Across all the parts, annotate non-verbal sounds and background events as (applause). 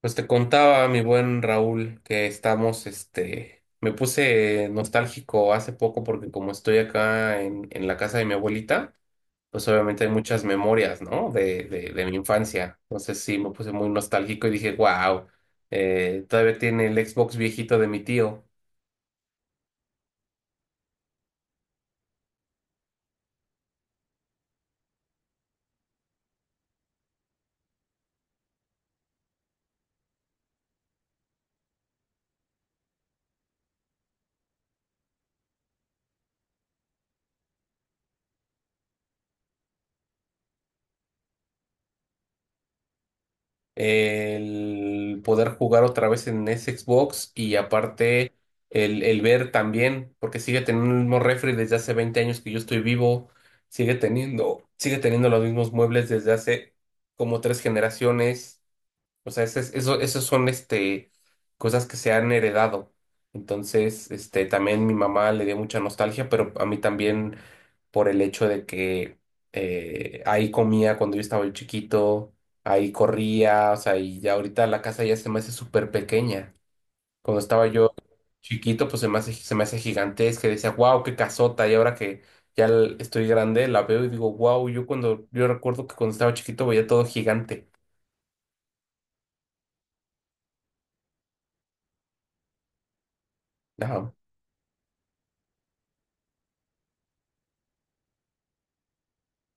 Pues te contaba, mi buen Raúl, que estamos, me puse nostálgico hace poco porque como estoy acá en la casa de mi abuelita, pues obviamente hay muchas memorias, ¿no? De mi infancia. Entonces sí, me puse muy nostálgico y dije, wow, todavía tiene el Xbox viejito de mi tío. El poder jugar otra vez en ese Xbox y aparte el ver también, porque sigue teniendo el mismo refri desde hace 20 años que yo estoy vivo, sigue teniendo los mismos muebles desde hace como tres generaciones. O sea, esos son cosas que se han heredado. Entonces, también mi mamá le dio mucha nostalgia, pero a mí también por el hecho de que ahí comía cuando yo estaba chiquito, ahí corría, o sea, y ya ahorita la casa ya se me hace súper pequeña. Cuando estaba yo chiquito, pues se me hace gigantesca, y decía, wow, qué casota, y ahora que estoy grande, la veo y digo, wow, yo recuerdo que cuando estaba chiquito veía todo gigante. Ajá,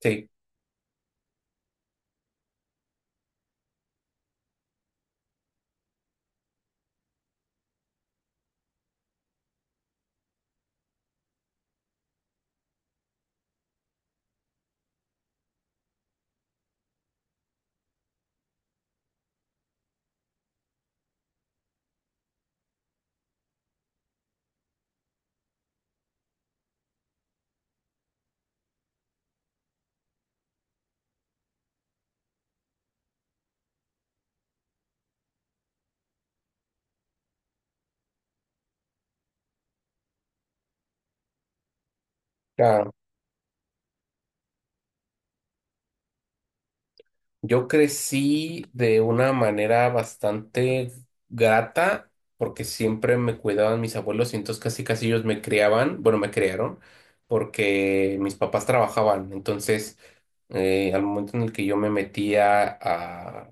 sí. Claro. Yo crecí de una manera bastante grata porque siempre me cuidaban mis abuelos y entonces casi casi ellos me criaban, bueno, me criaron porque mis papás trabajaban. Entonces, al momento en el que yo me metía a,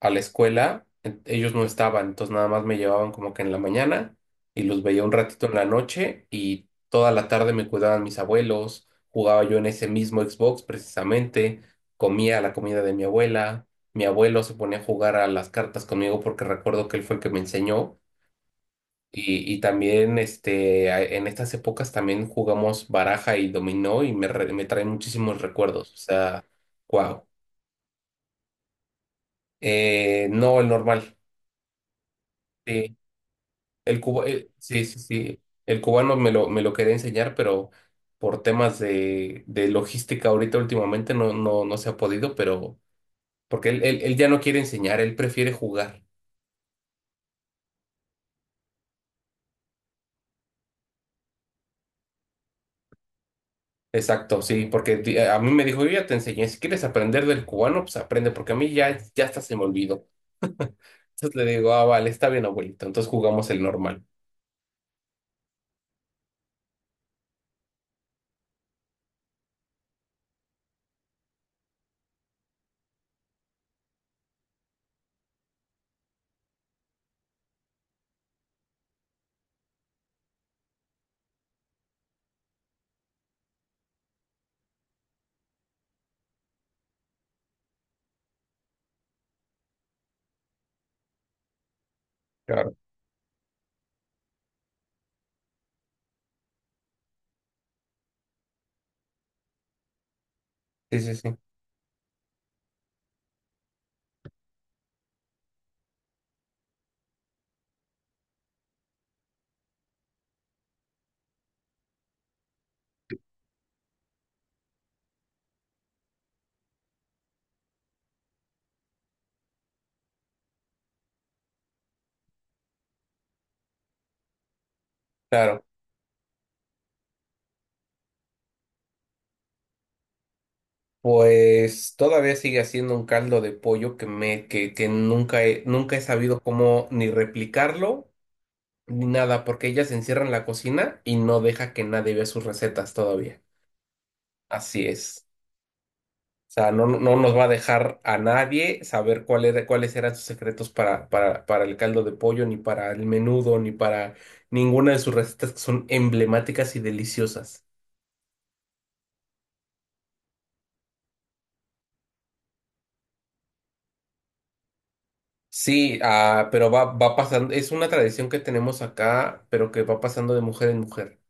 a la escuela, ellos no estaban, entonces nada más me llevaban como que en la mañana y los veía un ratito en la noche y toda la tarde me cuidaban mis abuelos, jugaba yo en ese mismo Xbox precisamente, comía la comida de mi abuela, mi abuelo se ponía a jugar a las cartas conmigo porque recuerdo que él fue el que me enseñó. Y también en estas épocas también jugamos baraja y dominó y me traen muchísimos recuerdos. O sea, wow. No, el normal. Sí. Sí, sí, sí. El cubano me lo quería enseñar, pero por temas de logística ahorita últimamente no se ha podido, pero porque él ya no quiere enseñar, él prefiere jugar. Exacto, sí, porque a mí me dijo, yo ya te enseñé, si quieres aprender del cubano, pues aprende, porque a mí ya hasta se me olvidó. Entonces le digo, ah, vale, está bien, abuelito. Entonces jugamos el normal. Claro. Sí, sí, sí. Claro. Pues todavía sigue siendo un caldo de pollo que nunca he sabido cómo ni replicarlo ni nada, porque ella se encierra en la cocina y no deja que nadie vea sus recetas todavía. Así es. O sea, no, no nos va a dejar a nadie saber cuáles eran sus secretos para el caldo de pollo, ni para el menudo, ni para ninguna de sus recetas que son emblemáticas y deliciosas. Sí, ah, pero va pasando, es una tradición que tenemos acá, pero que va pasando de mujer en mujer.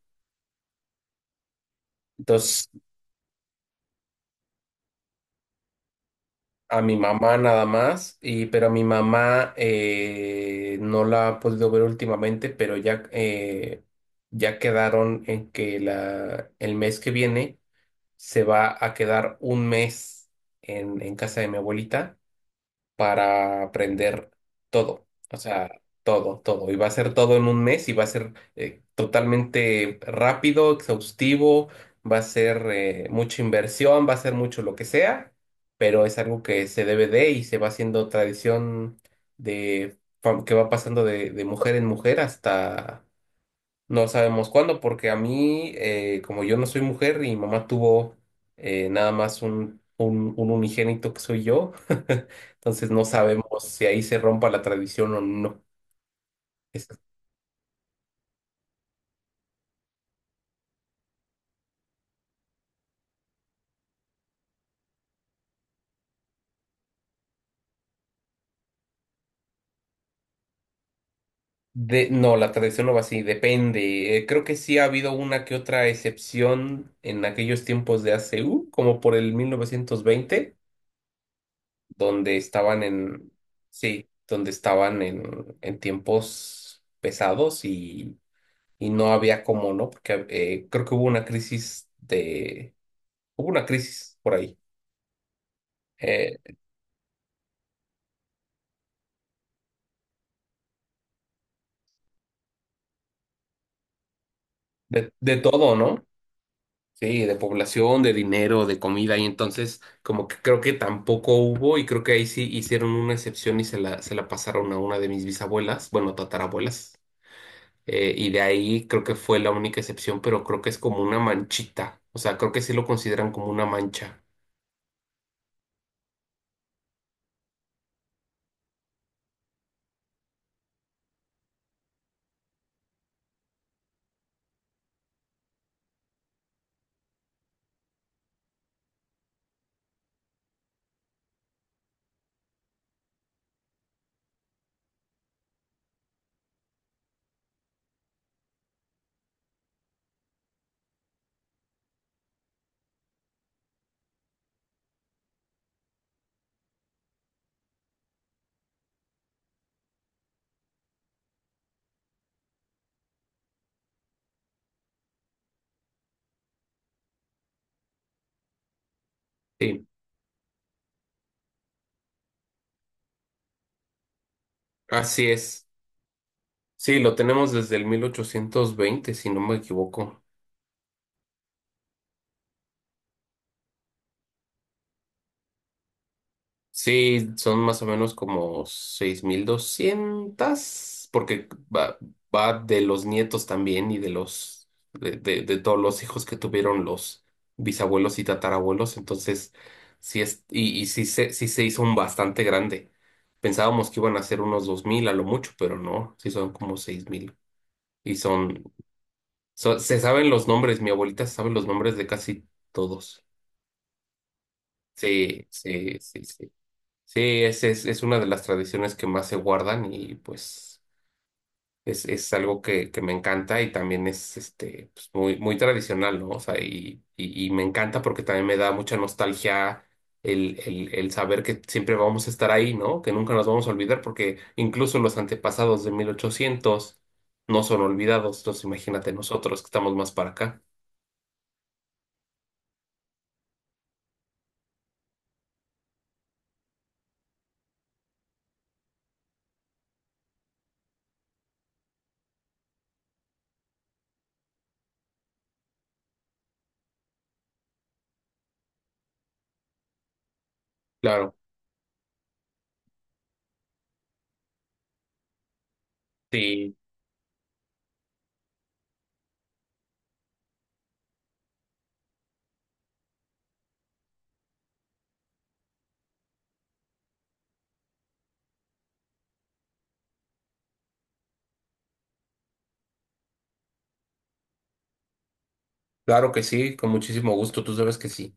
Entonces, a mi mamá nada más, y pero a mi mamá no la ha podido ver últimamente, pero ya, ya quedaron en que el mes que viene se va a quedar un mes en casa de mi abuelita, para aprender todo, o sea, todo, todo. Y va a ser todo en un mes y va a ser totalmente rápido, exhaustivo, va a ser mucha inversión, va a ser mucho lo que sea, pero es algo que se debe de y se va haciendo tradición que va pasando de mujer en mujer hasta no sabemos cuándo, porque a mí, como yo no soy mujer y mi mamá tuvo nada más un unigénito que soy yo, (laughs) entonces no sabemos si ahí se rompa la tradición o no. Es- De, no, la tradición no va así, depende. Creo que sí ha habido una que otra excepción en aquellos tiempos de A.C. u como por el 1920 donde estaban en, sí, donde estaban en tiempos pesados y no había cómo, ¿no? Porque creo que hubo una crisis hubo una crisis por ahí, eh, de todo, ¿no? Sí, de población, de dinero, de comida, y entonces como que creo que tampoco hubo, y creo que ahí sí hicieron una excepción y se la pasaron a una de mis bisabuelas, bueno, tatarabuelas, y de ahí creo que fue la única excepción, pero creo que es como una manchita, o sea, creo que sí lo consideran como una mancha. Sí, así es. Sí, lo tenemos desde el 1820 si no me equivoco. Sí, son más o menos como 6.200, porque va, va de los nietos también y de los de todos los hijos que tuvieron los bisabuelos y tatarabuelos. Entonces, sí es, y sí se hizo un bastante grande. Pensábamos que iban a ser unos 2.000 a lo mucho, pero no, sí son como 6.000. Y son, se saben los nombres, mi abuelita sabe los nombres de casi todos. Sí, sí, sí, sí. Sí, es una de las tradiciones que más se guardan y pues es algo que me encanta y también es pues, muy, muy tradicional, ¿no? O sea, y me encanta porque también me da mucha nostalgia el saber que siempre vamos a estar ahí, ¿no? Que nunca nos vamos a olvidar porque incluso los antepasados de 1800 no son olvidados, entonces imagínate nosotros que estamos más para acá. Claro, sí, claro que sí, con muchísimo gusto, tú sabes que sí.